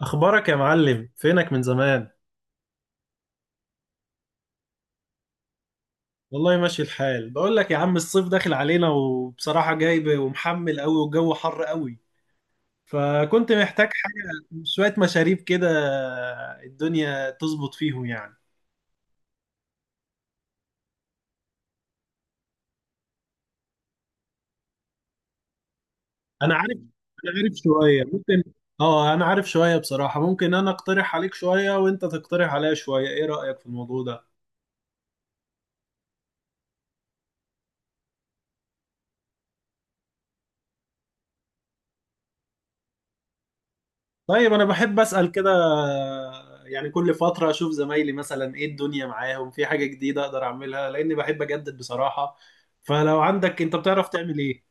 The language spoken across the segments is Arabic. اخبارك يا معلم، فينك من زمان؟ والله ماشي الحال. بقول لك يا عم، الصيف داخل علينا وبصراحة جايب ومحمل قوي والجو حر قوي. فكنت محتاج حاجة، شوية مشاريب كده الدنيا تظبط فيهم يعني. انا عارف انا عارف شوية ممكن. اه انا عارف شوية بصراحة. ممكن انا اقترح عليك شوية وانت تقترح عليا شوية، ايه رأيك في الموضوع ده؟ طيب انا بحب اسال كده. يعني كل فتره اشوف زمايلي مثلا ايه الدنيا معاهم في حاجه جديده اقدر اعملها، لاني بحب اجدد بصراحه. فلو عندك انت بتعرف تعمل ايه؟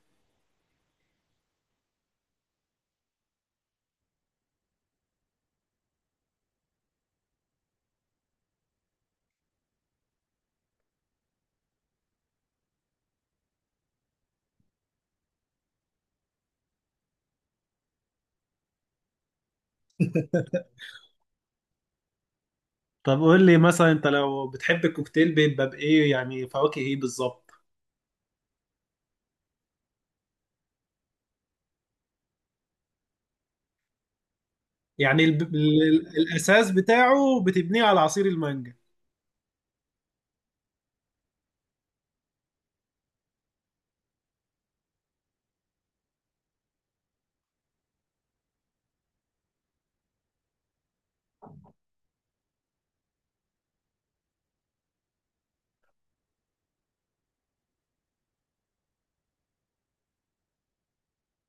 طب قول لي مثلا انت لو بتحب الكوكتيل بيبقى بايه، يعني فواكه ايه بالظبط؟ يعني ال ال الاساس بتاعه بتبنيه على عصير المانجا.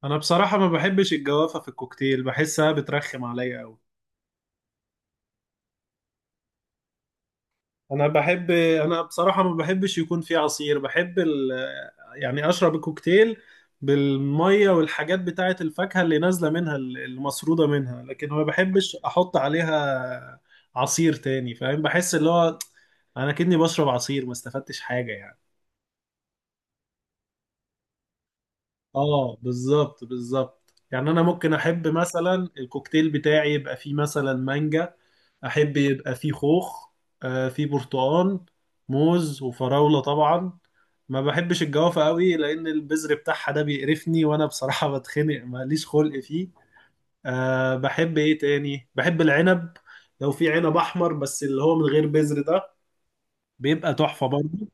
انا بصراحه ما بحبش الجوافه في الكوكتيل، بحسها بترخم عليا قوي. انا بصراحة ما بحبش يكون فيه عصير. بحب يعني اشرب الكوكتيل بالمية والحاجات بتاعة الفاكهة اللي نازلة منها، اللي مسرودة منها، لكن ما بحبش احط عليها عصير تاني. فاهم بحس اللي هو انا كأني بشرب عصير، ما استفدتش حاجة يعني. اه بالظبط بالظبط. يعني انا ممكن احب مثلا الكوكتيل بتاعي يبقى فيه مثلا مانجا، احب يبقى فيه خوخ، فيه برتقان، موز وفراولة طبعا. ما بحبش الجوافة قوي لان البذر بتاعها ده بيقرفني، وانا بصراحة بتخنق ماليش خلق فيه. بحب ايه تاني؟ بحب العنب. لو في عنب احمر بس اللي هو من غير بذر ده، بيبقى تحفة برضه.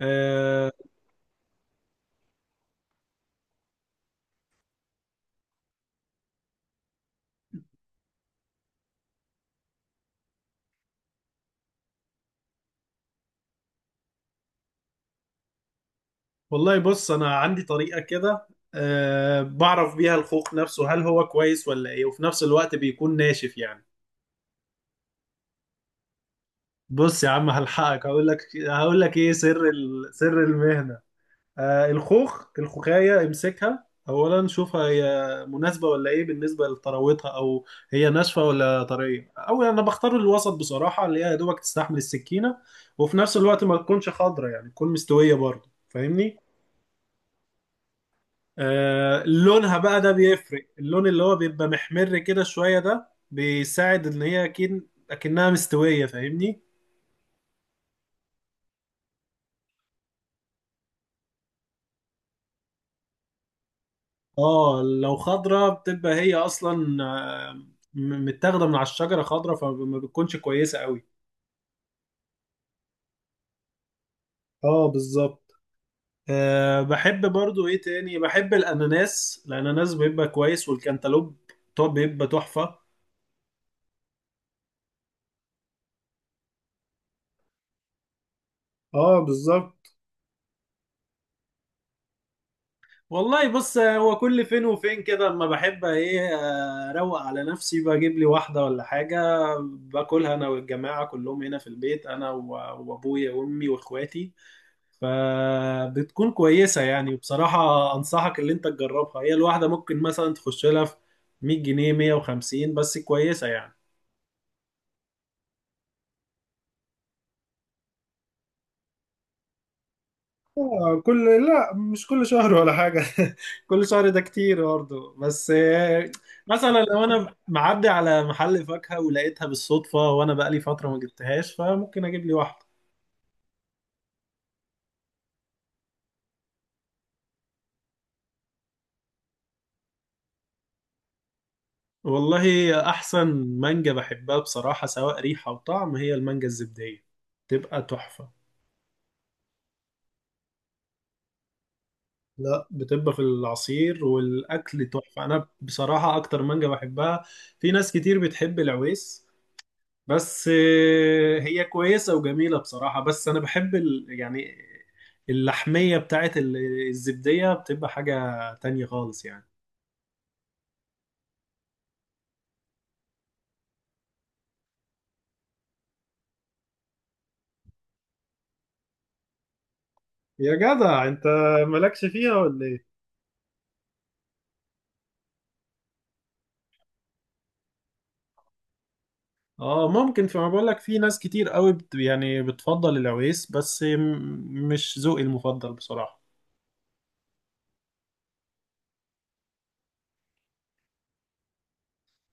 آه، والله بص انا عندي طريقه كده. بعرف بيها الخوخ نفسه هل هو كويس ولا ايه، وفي نفس الوقت بيكون ناشف يعني. بص يا عم هلحقك هقول لك. هقول لك ايه سر سر المهنه. الخوخ الخوخايه امسكها اولا، شوفها هي مناسبه ولا ايه بالنسبه لطراوتها، او هي ناشفه ولا طريه. او انا بختار الوسط بصراحه، اللي هي يا دوبك تستحمل السكينه، وفي نفس الوقت ما تكونش خضره يعني تكون مستويه برضه، فاهمني؟ لونها بقى ده بيفرق. اللون اللي هو بيبقى محمر كده شوية ده بيساعد ان هي اكيد اكنها مستوية، فاهمني؟ اه لو خضرة بتبقى هي اصلا متاخدة من على الشجرة خضرة، فما بتكونش كويسة قوي. اه بالظبط. بحب برضو ايه تاني. بحب الاناناس، الاناناس بيبقى كويس، والكنتالوب طب بيبقى تحفة. اه بالظبط. والله بص هو كل فين وفين كده، اما بحب ايه اروق على نفسي بجيب لي واحده ولا حاجه، باكلها انا والجماعه كلهم هنا في البيت، انا وابويا وامي واخواتي. فبتكون كويسه يعني. وبصراحه انصحك اللي انت تجربها، هي الواحده ممكن مثلا تخش لها في 100 جنيه 150، بس كويسه يعني. آه، كل لا مش كل شهر ولا حاجة كل شهر ده كتير برضه، بس مثلا لو انا معدي على محل فاكهة ولقيتها بالصدفة، وانا بقالي فترة ما جبتهاش، فممكن اجيب لي واحدة. والله احسن مانجا بحبها بصراحة، سواء ريحة وطعم، هي المانجا الزبدية تبقى تحفة. لا، بتبقى في العصير والاكل تحفة، انا بصراحة اكتر مانجا بحبها. في ناس كتير بتحب العويس، بس هي كويسة وجميلة بصراحة، بس أنا بحب يعني اللحمية بتاعت الزبدية بتبقى حاجة تانية خالص يعني. يا جدع انت، مالكش فيها ولا ايه؟ اه ممكن. فما بقول لك في ناس كتير قوي يعني بتفضل العويس، بس مش ذوقي المفضل بصراحة.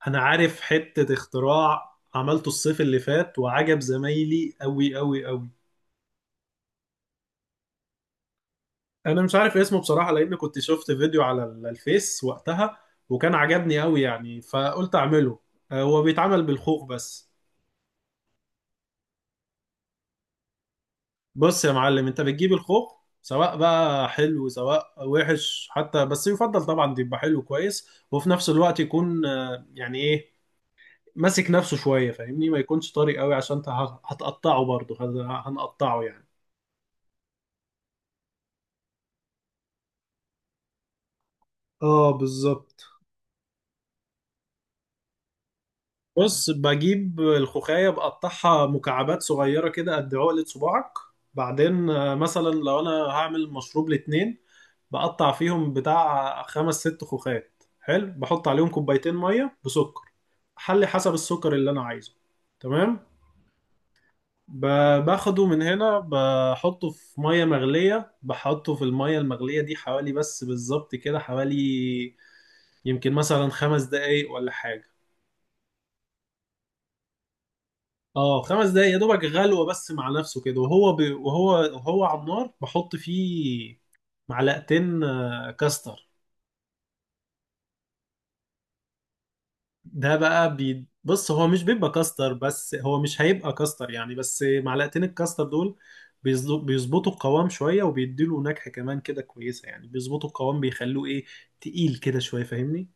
أنا عارف حتة اختراع عملته الصيف اللي فات وعجب زمايلي قوي قوي قوي. انا مش عارف اسمه بصراحه، لان كنت شفت فيديو على الفيس وقتها وكان عجبني قوي يعني، فقلت اعمله. هو بيتعمل بالخوخ بس. بص يا معلم انت بتجيب الخوخ، سواء بقى حلو سواء وحش حتى، بس يفضل طبعا يبقى حلو كويس، وفي نفس الوقت يكون يعني ايه ماسك نفسه شويه، فاهمني؟ ما يكونش طري قوي، عشان انت هتقطعه برضه هنقطعه يعني. اه بالظبط. بص بجيب الخوخاية بقطعها مكعبات صغيرة كده قد عقلة صباعك. بعدين مثلا لو أنا هعمل مشروب لاتنين، بقطع فيهم بتاع خمس ست خوخات. حلو، بحط عليهم كوبايتين مية بسكر، حلي حسب السكر اللي أنا عايزه. تمام. باخده من هنا بحطه في مية مغلية. بحطه في المية المغلية دي حوالي بس بالظبط كده، حوالي يمكن مثلا 5 دقايق ولا حاجة. اه 5 دقايق يا دوبك، غلوه بس مع نفسه كده. وهو وهو على النار بحط فيه معلقتين كاستر. ده بقى بص هو مش بيبقى كاستر، بس هو مش هيبقى كاستر يعني، بس معلقتين الكاستر دول بيظبطوا القوام شويه، وبيديله نكهه كمان كده كويسه يعني. بيظبطوا القوام بيخلوه ايه، تقيل كده شويه، فاهمني؟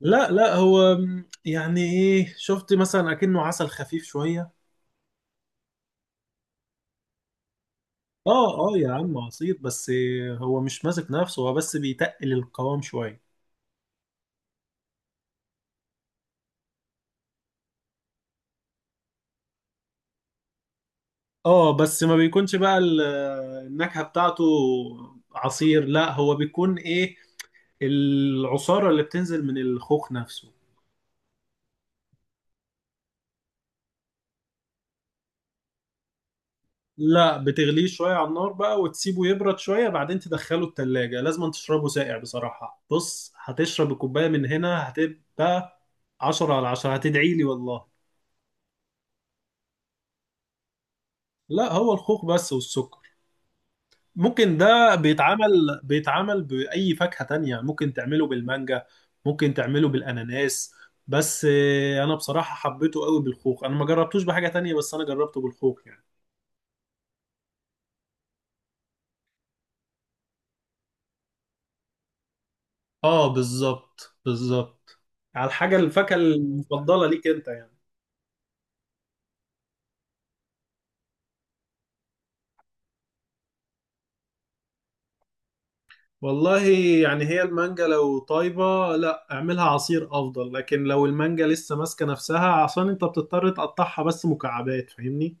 لا لا، هو يعني ايه شفت مثلا اكنه عسل خفيف شويه. اه اه يا عم عصير بس، هو مش ماسك نفسه، هو بس بيتقل القوام شوية. اه بس ما بيكونش بقى النكهة بتاعته عصير. لا هو بيكون ايه، العصارة اللي بتنزل من الخوخ نفسه. لا بتغليه شوية على النار بقى، وتسيبه يبرد شوية، بعدين تدخله التلاجة. لازم تشربه ساقع بصراحة. بص هتشرب الكوباية من هنا هتبقى 10 على 10، هتدعي لي والله. لا هو الخوخ بس والسكر. ممكن ده بيتعمل بأي فاكهة تانية. ممكن تعمله بالمانجا، ممكن تعمله بالأناناس، بس أنا بصراحة حبيته قوي بالخوخ، أنا ما جربتوش بحاجة تانية، بس أنا جربته بالخوخ يعني. آه بالظبط بالظبط، على الحاجة الفاكهة المفضلة ليك أنت يعني. والله يعني هي المانجا لو طيبة لا اعملها عصير أفضل، لكن لو المانجا لسه ماسكة نفسها عشان أنت بتضطر تقطعها بس مكعبات، فاهمني؟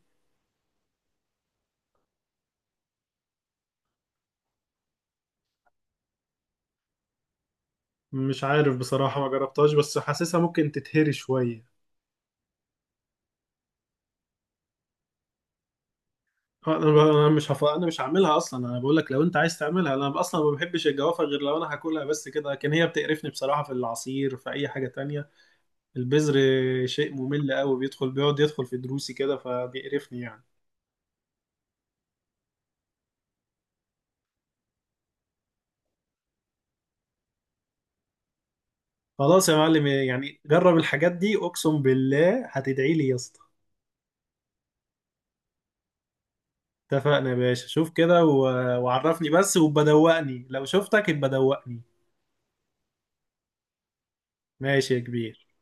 مش عارف بصراحة ما جربتهاش، بس حاسسها ممكن تتهري شوية. آه، انا ب- أنا مش هف... انا مش هعملها اصلا، انا بقول لك لو انت عايز تعملها. انا اصلا ما بحبش الجوافة غير لو انا هاكلها بس كده، لكن هي بتقرفني بصراحة في العصير في اي حاجة تانية. البذر شيء ممل قوي، بيدخل بيقعد يدخل في دروسي كده، فبيقرفني يعني. خلاص يا معلم، يعني جرب الحاجات دي اقسم بالله هتدعي لي يا اسطى. اتفقنا يا باشا. شوف كده وعرفني بس، وبدوقني لو شفتك يبقى دوقني. ماشي يا كبير.